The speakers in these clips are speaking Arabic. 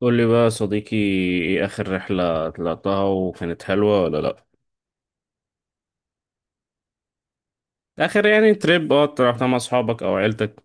قول لي بقى يا صديقي، ايه اخر رحلة طلعتها؟ وكانت حلوة ولا لا؟ اخر يعني تريب، طلعتها مع اصحابك او عيلتك؟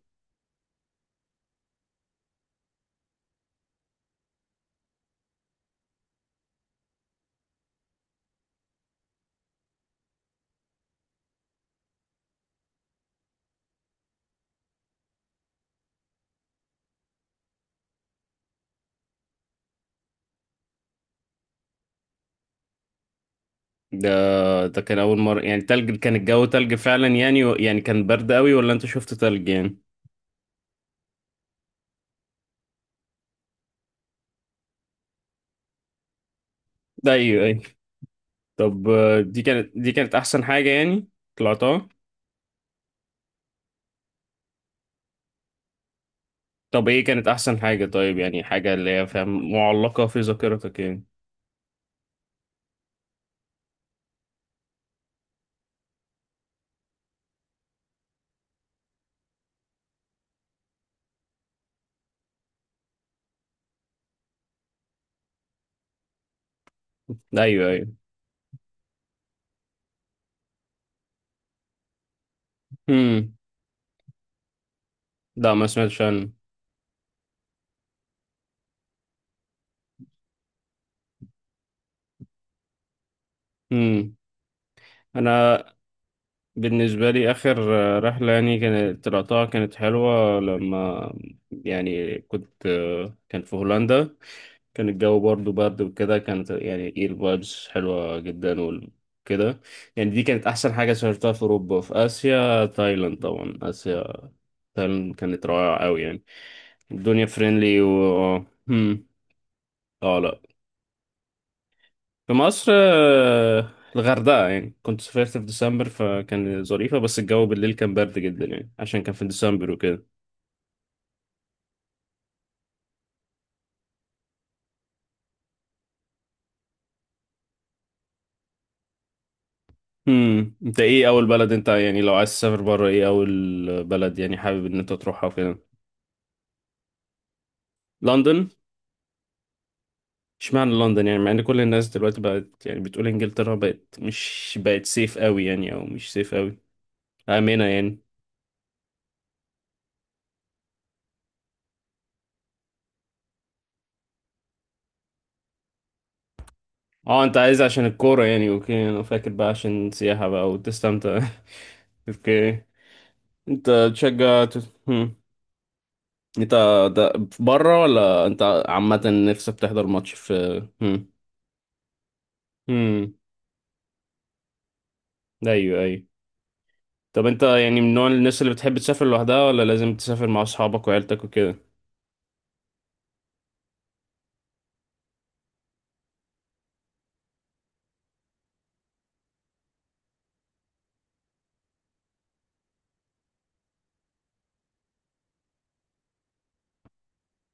ده ده كان اول مرة يعني تلج؟ كان الجو تلج فعلا يعني يعني كان برد قوي ولا انت شفت تلج يعني؟ ده ايوه ايوه. طب دي كانت احسن حاجة يعني طلعتها؟ طب ايه كانت احسن حاجة طيب، يعني حاجة اللي هي فاهم معلقة في ذاكرتك يعني؟ ده ايوه ايوه. امم لا، ما سمعتش عنه. امم انا بالنسبة لي آخر رحلة يعني كانت طلعتها كانت حلوة، لما يعني كنت كان في هولندا، كان الجو برضو برد وكده، كانت يعني ايه الفايبس حلوة جدا وكده. يعني دي كانت أحسن حاجة سافرتها في أوروبا. في آسيا تايلاند، طبعا آسيا تايلاند كانت رائعة أوي يعني، الدنيا فريندلي. و هم. اه لا، في مصر الغردقة، يعني كنت سافرت في ديسمبر، فكان ظريفة، بس الجو بالليل كان برد جدا يعني، عشان كان في ديسمبر وكده. انت ايه اول بلد انت يعني لو عايز تسافر بره، ايه اول بلد يعني حابب ان انت تروحها وكده؟ لندن. اشمعنى لندن يعني، مع ان كل الناس دلوقتي بقت يعني بتقول انجلترا بقت مش بقت سيف قوي يعني، او مش سيف قوي امنه يعني؟ اه، انت عايز عشان الكوره يعني. اوكي، انا فاكر بقى عشان سياحه بقى وتستمتع. اوكي، انت تشجع هم. انت ده بره ولا انت عامه نفسك تحضر ماتش في هم.؟ هم. ايوه ايوه. طب انت يعني من نوع الناس اللي بتحب تسافر لوحدها ولا لازم تسافر مع اصحابك وعيلتك وكده؟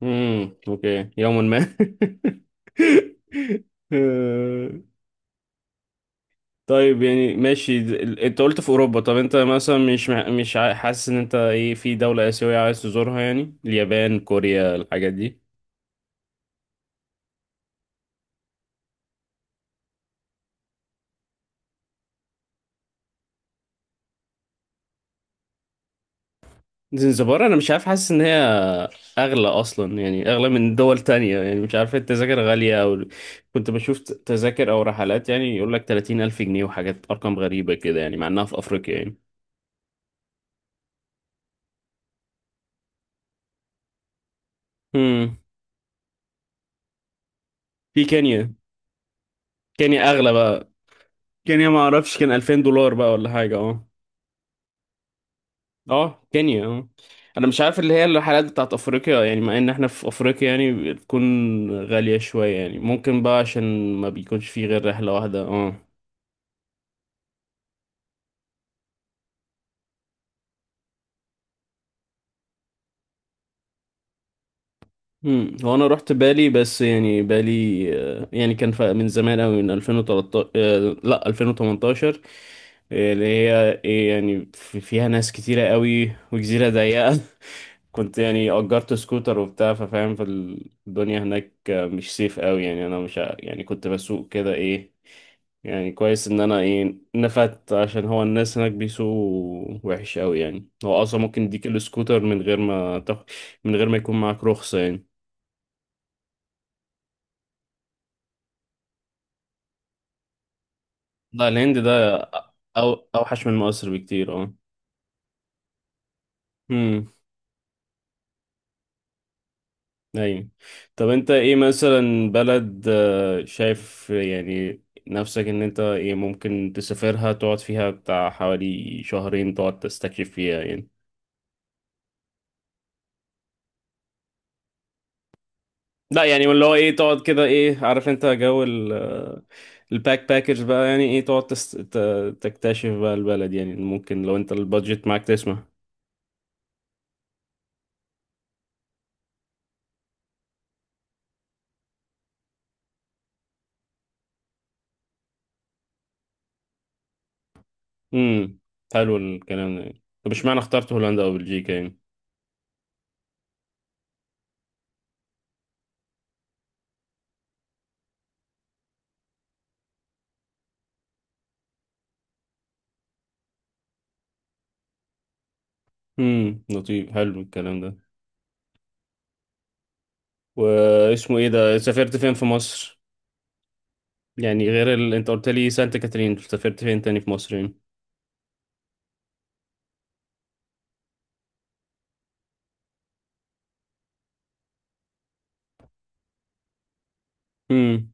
اوكي، يوما ما. آه، طيب يعني ماشي، انت قلت في اوروبا، طب انت مثلا مش مع- مش عا- حاسس ان انت ايه في دولة اسيوية عايز تزورها يعني، اليابان كوريا الحاجات دي؟ زنزبار انا مش عارف، حاسس ان هي اغلى اصلا يعني، اغلى من دول تانية يعني، مش عارف التذاكر غالية او، كنت بشوف تذاكر او رحلات يعني، يقول لك 30 الف جنيه وحاجات ارقام غريبة كده يعني، مع انها في افريقيا يعني. امم في كينيا. كينيا اغلى بقى. كينيا ما اعرفش، كان 2000 دولار بقى ولا حاجة اه. اه كينيا اه، انا مش عارف اللي هي الرحلات بتاعت افريقيا يعني، مع ان احنا في افريقيا يعني بتكون غالية شوية يعني، ممكن بقى عشان ما بيكونش في غير رحلة واحدة اه. هو انا رحت بالي، بس يعني بالي يعني كان من زمان قوي، من 2013 لا 2018، اللي هي إيه يعني فيها ناس كتيرة قوي، وجزيرة ضيقة. كنت يعني أجرت سكوتر وبتاع، ففاهم في الدنيا هناك مش سيف قوي يعني، انا مش ع- يعني كنت بسوق كده ايه، يعني كويس ان انا ايه نفدت، عشان هو الناس هناك بيسوقوا وحش قوي يعني، هو اصلا ممكن يديك السكوتر من غير ما تاخد، من غير ما يكون معاك رخصة يعني. لا الهند ده أو أوحش من مصر بكتير اه. امم أيوة. طب أنت إيه مثلا بلد شايف يعني نفسك إن أنت إيه ممكن تسافرها، تقعد فيها بتاع حوالي شهرين تقعد تستكشف فيها يعني؟ لا يعني اللي هو إيه، تقعد كده إيه، عارف أنت جو ال آه، الباك باكرز بقى يعني، إيه تقعد تكتشف بقى البلد يعني، ممكن لو أنت البادجت معاك تسمح. امم، حلو الكلام ده يعني. طب اشمعنى اخترت هولندا أو بلجيكا يعني؟ امم، لطيف، حلو الكلام ده. واسمه ايه ده، سافرت فين في مصر؟ يعني غير انت قلت لي سانت كاترين، سافرت فين تاني في مصر يعني؟ امم.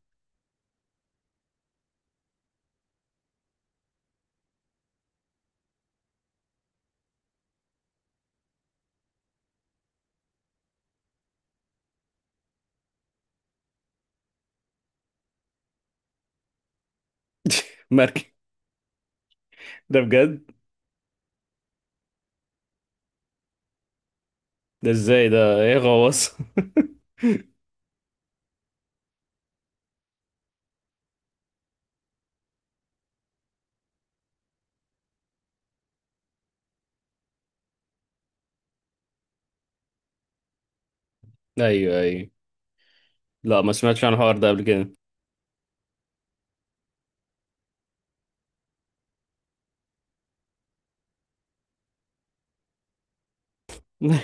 مركب؟ ده بجد؟ ده ازاي ده ايه، غواص؟ ايوه ايوه. لا ما سمعتش عن الحوار ده قبل كده.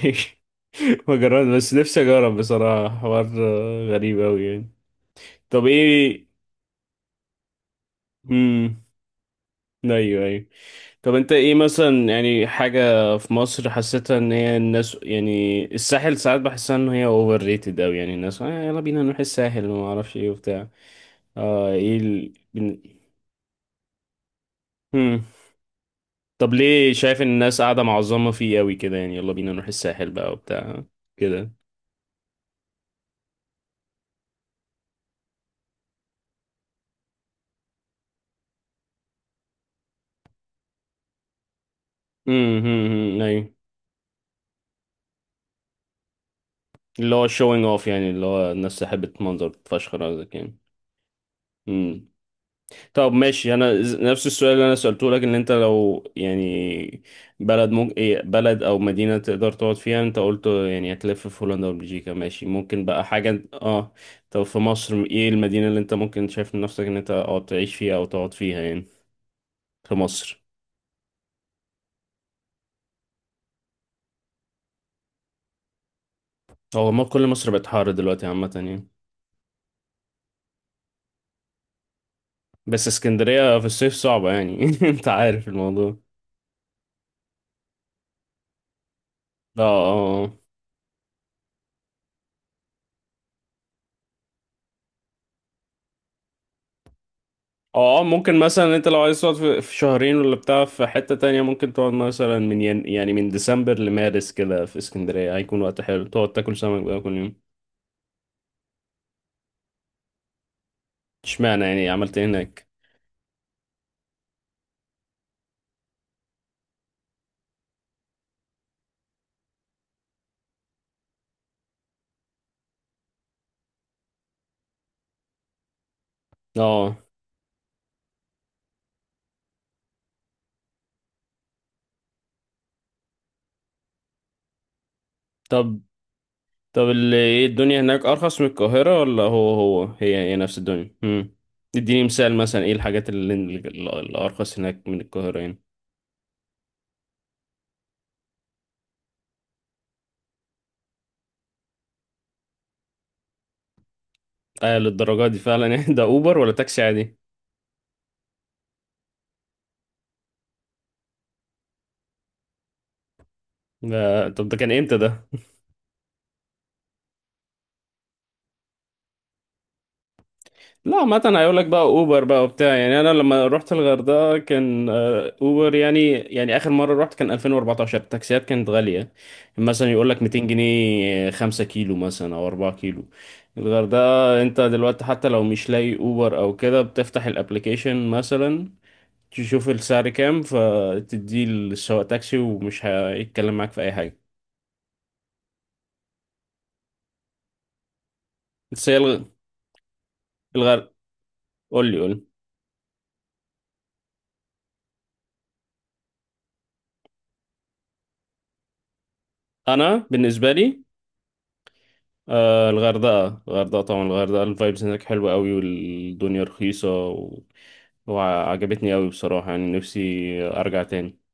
ما جربت، بس نفسي اجرب بصراحة، حوار غريب اوي يعني. طب ايه. امم، ايوه ايوه. طب انت ايه مثلا يعني حاجة في مصر حسيتها ان هي، الناس يعني الساحل ساعات بحسها ان هي اوفر ريتد اوي يعني، الناس آه يلا بينا نروح الساحل وما اعرفش ايه وبتاع، اه ايه هم. طب ليه شايف ان الناس قاعدة معظمة فيه اوي كده يعني، يلا بينا نروح الساحل بقى وبتاع كده. هم، هم، هم، ايوه. اللي هو showing off يعني، اللي هو الناس تحب تمنظر تفشخر قصدك يعني. طب ماشي، نفس السؤال اللي انا سألته لك، ان انت لو يعني بلد، ممكن إيه بلد او مدينة تقدر تقعد فيها، انت قلت يعني هتلف في هولندا وبلجيكا، ماشي ممكن بقى حاجة اه. طب في مصر، ايه المدينة اللي انت ممكن شايف من نفسك ان انت اه تعيش فيها او تقعد فيها يعني، في مصر؟ هو ما كل مصر بقت حر دلوقتي عامة يعني. بس اسكندرية في الصيف صعبة يعني. انت عارف الموضوع. اه اه آه. اه ممكن مثلا انت لو عايز تقعد في شهرين ولا بتاع في حتة تانية، ممكن تقعد مثلا يعني من ديسمبر لمارس كده في اسكندرية، هيكون وقت حلو تقعد تاكل سمك بقى كل يوم. اشمعنى يعني، عملت ايه هناك؟ اه. طب، طب ايه الدنيا هناك ارخص من القاهرة، ولا هو هي نفس الدنيا؟ امم. اديني مثال، مثلا ايه الحاجات الارخص هناك من القاهرة يعني؟ اه للدرجة دي فعلا يعني. ده اوبر ولا تاكسي عادي؟ ده طب ده كان امتى ده؟ لا عامة هيقول لك بقى اوبر بقى وبتاع يعني، انا لما رحت الغردقة كان اوبر يعني، يعني اخر مرة رحت كان 2014، التاكسيات كانت غالية، مثلا يقول لك 200 جنيه 5 كيلو مثلا او 4 كيلو. الغردقة انت دلوقتي حتى لو مش لاقي اوبر او كده، بتفتح الابليكيشن مثلا تشوف السعر كام، فتديه للسواق تاكسي ومش هيتكلم معاك في اي حاجة. بس هي الغ- الغر قول لي قول لي. انا بالنسبة لي آه الغردقة، الغردقة طبعا. الغردقة الفايبز هناك حلوة قوي، والدنيا رخيصة وعجبتني قوي بصراحة، يعني نفسي أرجع تاني.